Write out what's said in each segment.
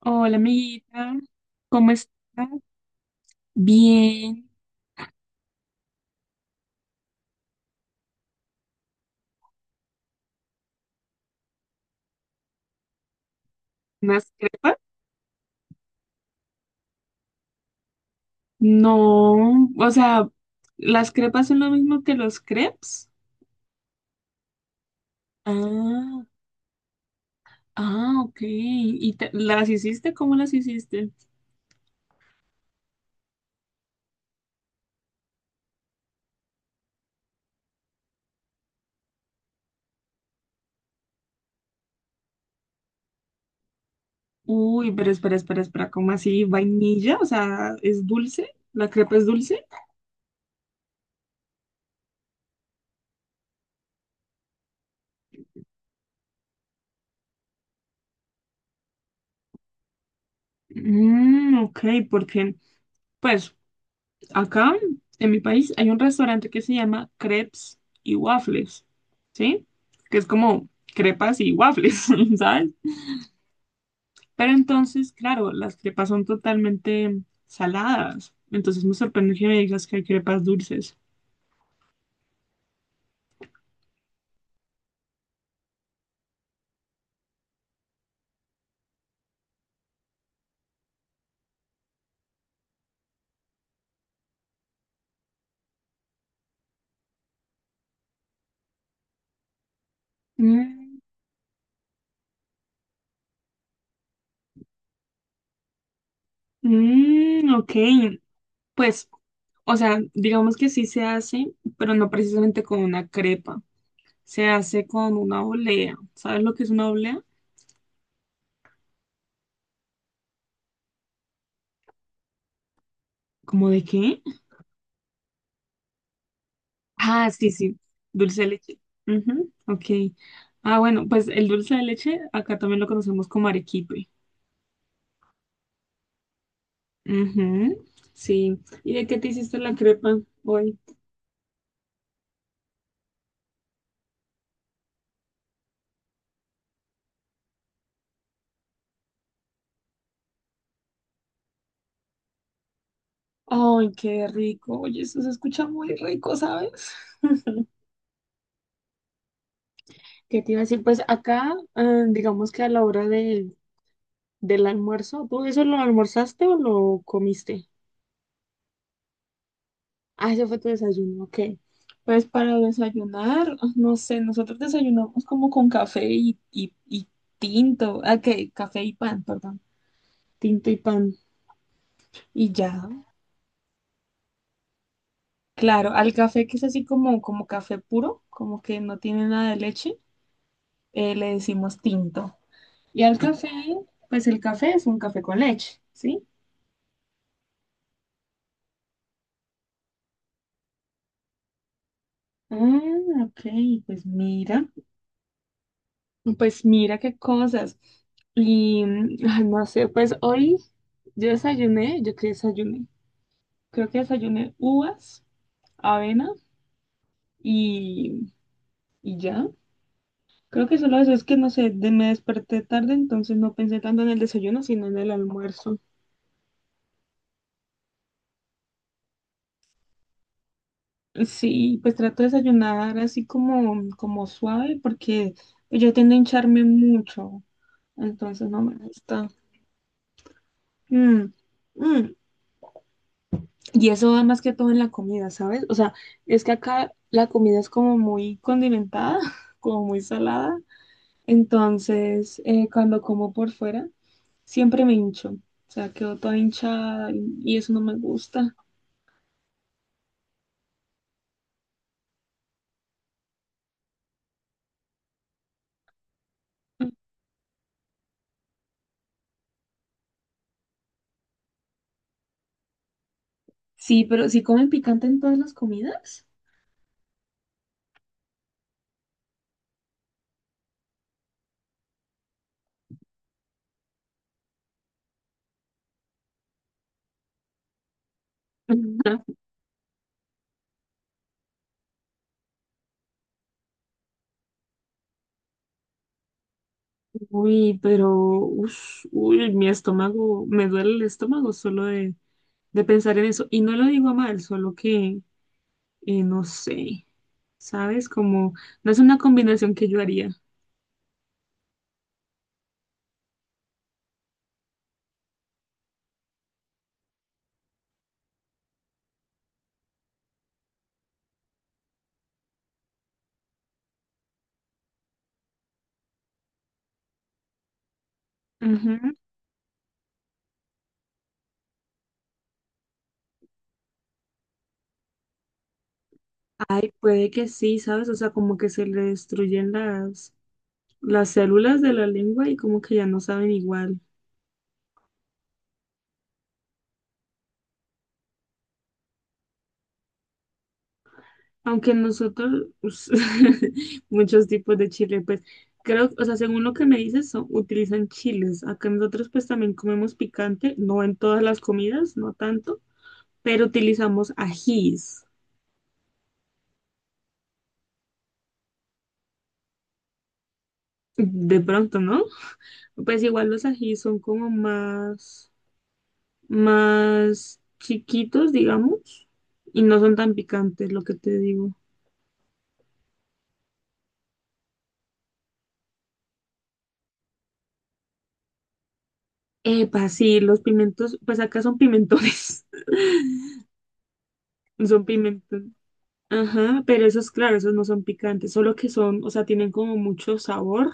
Hola, amiguita. ¿Cómo estás? Bien. ¿Unas crepas? No. O sea, ¿las crepas son lo mismo que los crepes? Ah, ah, ok. ¿Y las hiciste? ¿Cómo las hiciste? Uy, pero espera. ¿Cómo así? ¿Vainilla? O sea, ¿es dulce? ¿La crepa es dulce? Mmm, ok, porque, pues. Acá, en mi país, hay un restaurante que se llama Crepes y Waffles, ¿sí? Que es como crepas y waffles, ¿sabes? Pero entonces, claro, las crepas son totalmente saladas. Entonces me sorprende que me digas que hay crepas dulces. Mm, ok. Pues, o sea, digamos que sí se hace, pero no precisamente con una crepa. Se hace con una olea. ¿Sabes lo que es una olea? ¿Cómo de qué? Ah, sí, sí, dulce de leche. Ujú, ok. Ah, bueno, pues el dulce de leche acá también lo conocemos como arequipe. Ujú, sí. ¿Y de qué te hiciste la crepa hoy? Ay, qué rico. Oye, eso se escucha muy rico, ¿sabes? ¿Qué te iba a decir? Pues acá, digamos que a la hora del almuerzo, ¿tú eso lo almorzaste o lo comiste? Ah, ese fue tu desayuno, ok. Pues para desayunar, no sé, nosotros desayunamos como con café y tinto, ah, ¿qué? Café y pan, perdón, tinto y pan, y ya. Claro, al café que es así como, como café puro, como que no tiene nada de leche, le decimos tinto. Y al café, pues el café es un café con leche, ¿sí? Ah, ok, pues mira. Pues mira qué cosas. Y ay, no sé, pues hoy yo desayuné, yo qué desayuné. Creo que desayuné uvas, avena y, y ya. Creo que solo eso es que no sé, me desperté tarde, entonces no pensé tanto en el desayuno, sino en el almuerzo. Sí, pues trato de desayunar así como, como suave, porque yo tiendo a hincharme mucho, entonces no me gusta. Mm, mm. Y eso va más que todo en la comida, ¿sabes? O sea, es que acá la comida es como muy condimentada, como muy salada. Entonces, cuando como por fuera, siempre me hincho. O sea, quedo toda hinchada y eso no me gusta. Sí, pero si comen picante en todas las comidas. Uy, pero, ush, uy, mi estómago, me duele el estómago solo de pensar en eso. Y no lo digo a mal, solo que no sé, ¿sabes? Como, no es una combinación que yo haría. Ujú. Ay, puede que sí, ¿sabes? O sea, como que se le destruyen las células de la lengua y como que ya no saben igual. Aunque nosotros, muchos tipos de chile, pues creo, o sea, según lo que me dices, utilizan chiles. Acá nosotros pues también comemos picante, no en todas las comidas, no tanto, pero utilizamos ajís. De pronto, no. Pues igual los ají son como más chiquitos, digamos, y no son tan picantes, lo que te digo. Epa, sí, los pimentos, pues acá son pimentones, son pimentos. Ajá, pero esos, claro, esos no son picantes, solo que son, o sea, tienen como mucho sabor,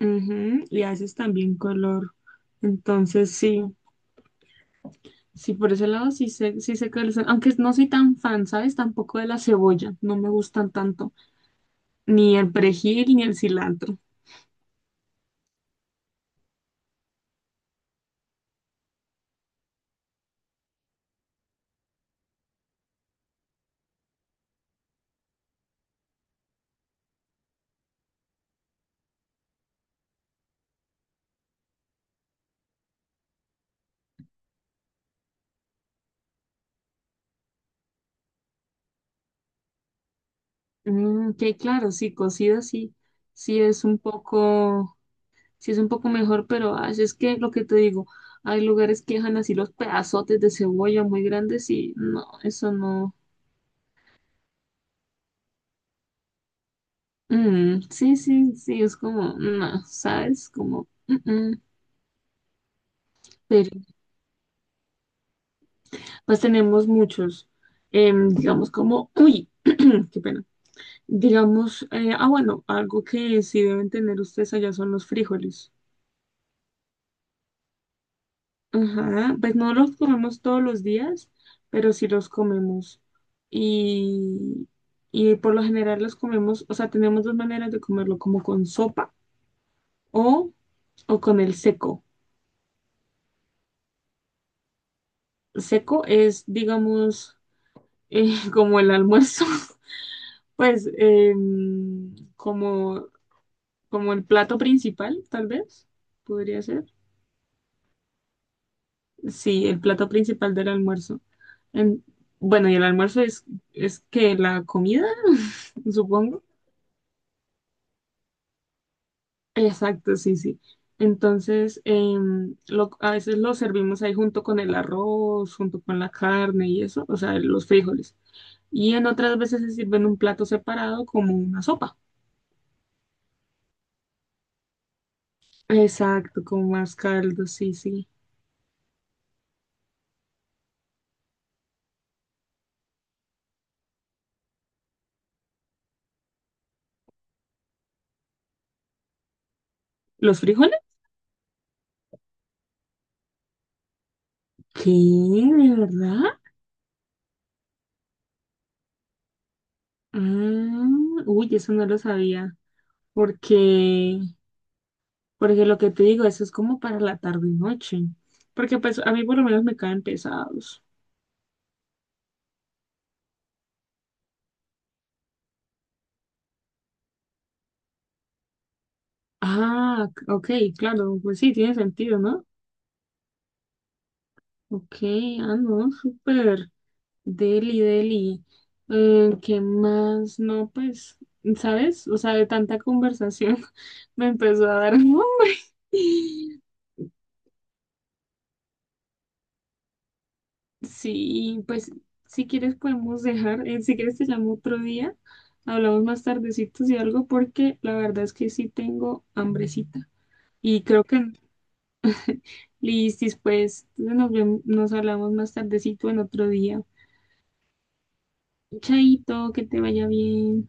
ujú, y a veces también color. Entonces, sí, sí, por ese lado sí sé cuáles son, aunque no soy tan fan, ¿sabes? Tampoco de la cebolla, no me gustan tanto. Ni el perejil ni el cilantro. Mm, que claro, sí, cocido sí, sí es un poco, sí es un poco mejor, pero ay, es que lo que te digo, hay lugares que dejan así los pedazotes de cebolla muy grandes y no, eso no. Mm, sí, sí, sí, es como, no, ¿sabes? Como, mm, mm. Pero pues tenemos muchos, digamos como, uy, qué pena. Digamos, bueno, algo que sí deben tener ustedes allá son los frijoles. Ajá, pues no los comemos todos los días, pero sí los comemos. Y, y por lo general los comemos, o sea, tenemos dos maneras de comerlo, como con sopa o, o con el seco. Seco es, digamos, como el almuerzo, pues em, como, como el plato principal, tal vez, podría ser. Sí, el plato principal del almuerzo. En- bueno, y el almuerzo es que la comida, supongo. Exacto, sí, sí. Entonces, a veces lo servimos ahí junto con el arroz, junto con la carne y eso, o sea, los frijoles. Y en otras veces se sirve en un plato separado como una sopa. Exacto, con más caldo, sí, sí. ¿Los frijoles? ¿Qué? ¿De verdad? Ah, uy, eso no lo sabía. Porque, porque lo que te digo, eso es como para la tarde y noche. Porque pues a mí por lo menos me caen pesados. Ah, ok, claro, pues sí, tiene sentido, ¿no? Ok, ah, no, súper. Deli, deli. ¿Qué más? No, pues, ¿sabes? O sea, de tanta conversación me empezó a dar hambre. Sí, pues, si quieres podemos dejar, si quieres te llamo otro día, hablamos más tardecitos y algo, porque la verdad es que sí tengo hambrecita. Y creo que, listis, pues, nos vemos, nos hablamos más tardecito en otro día. Chaito, que te vaya bien.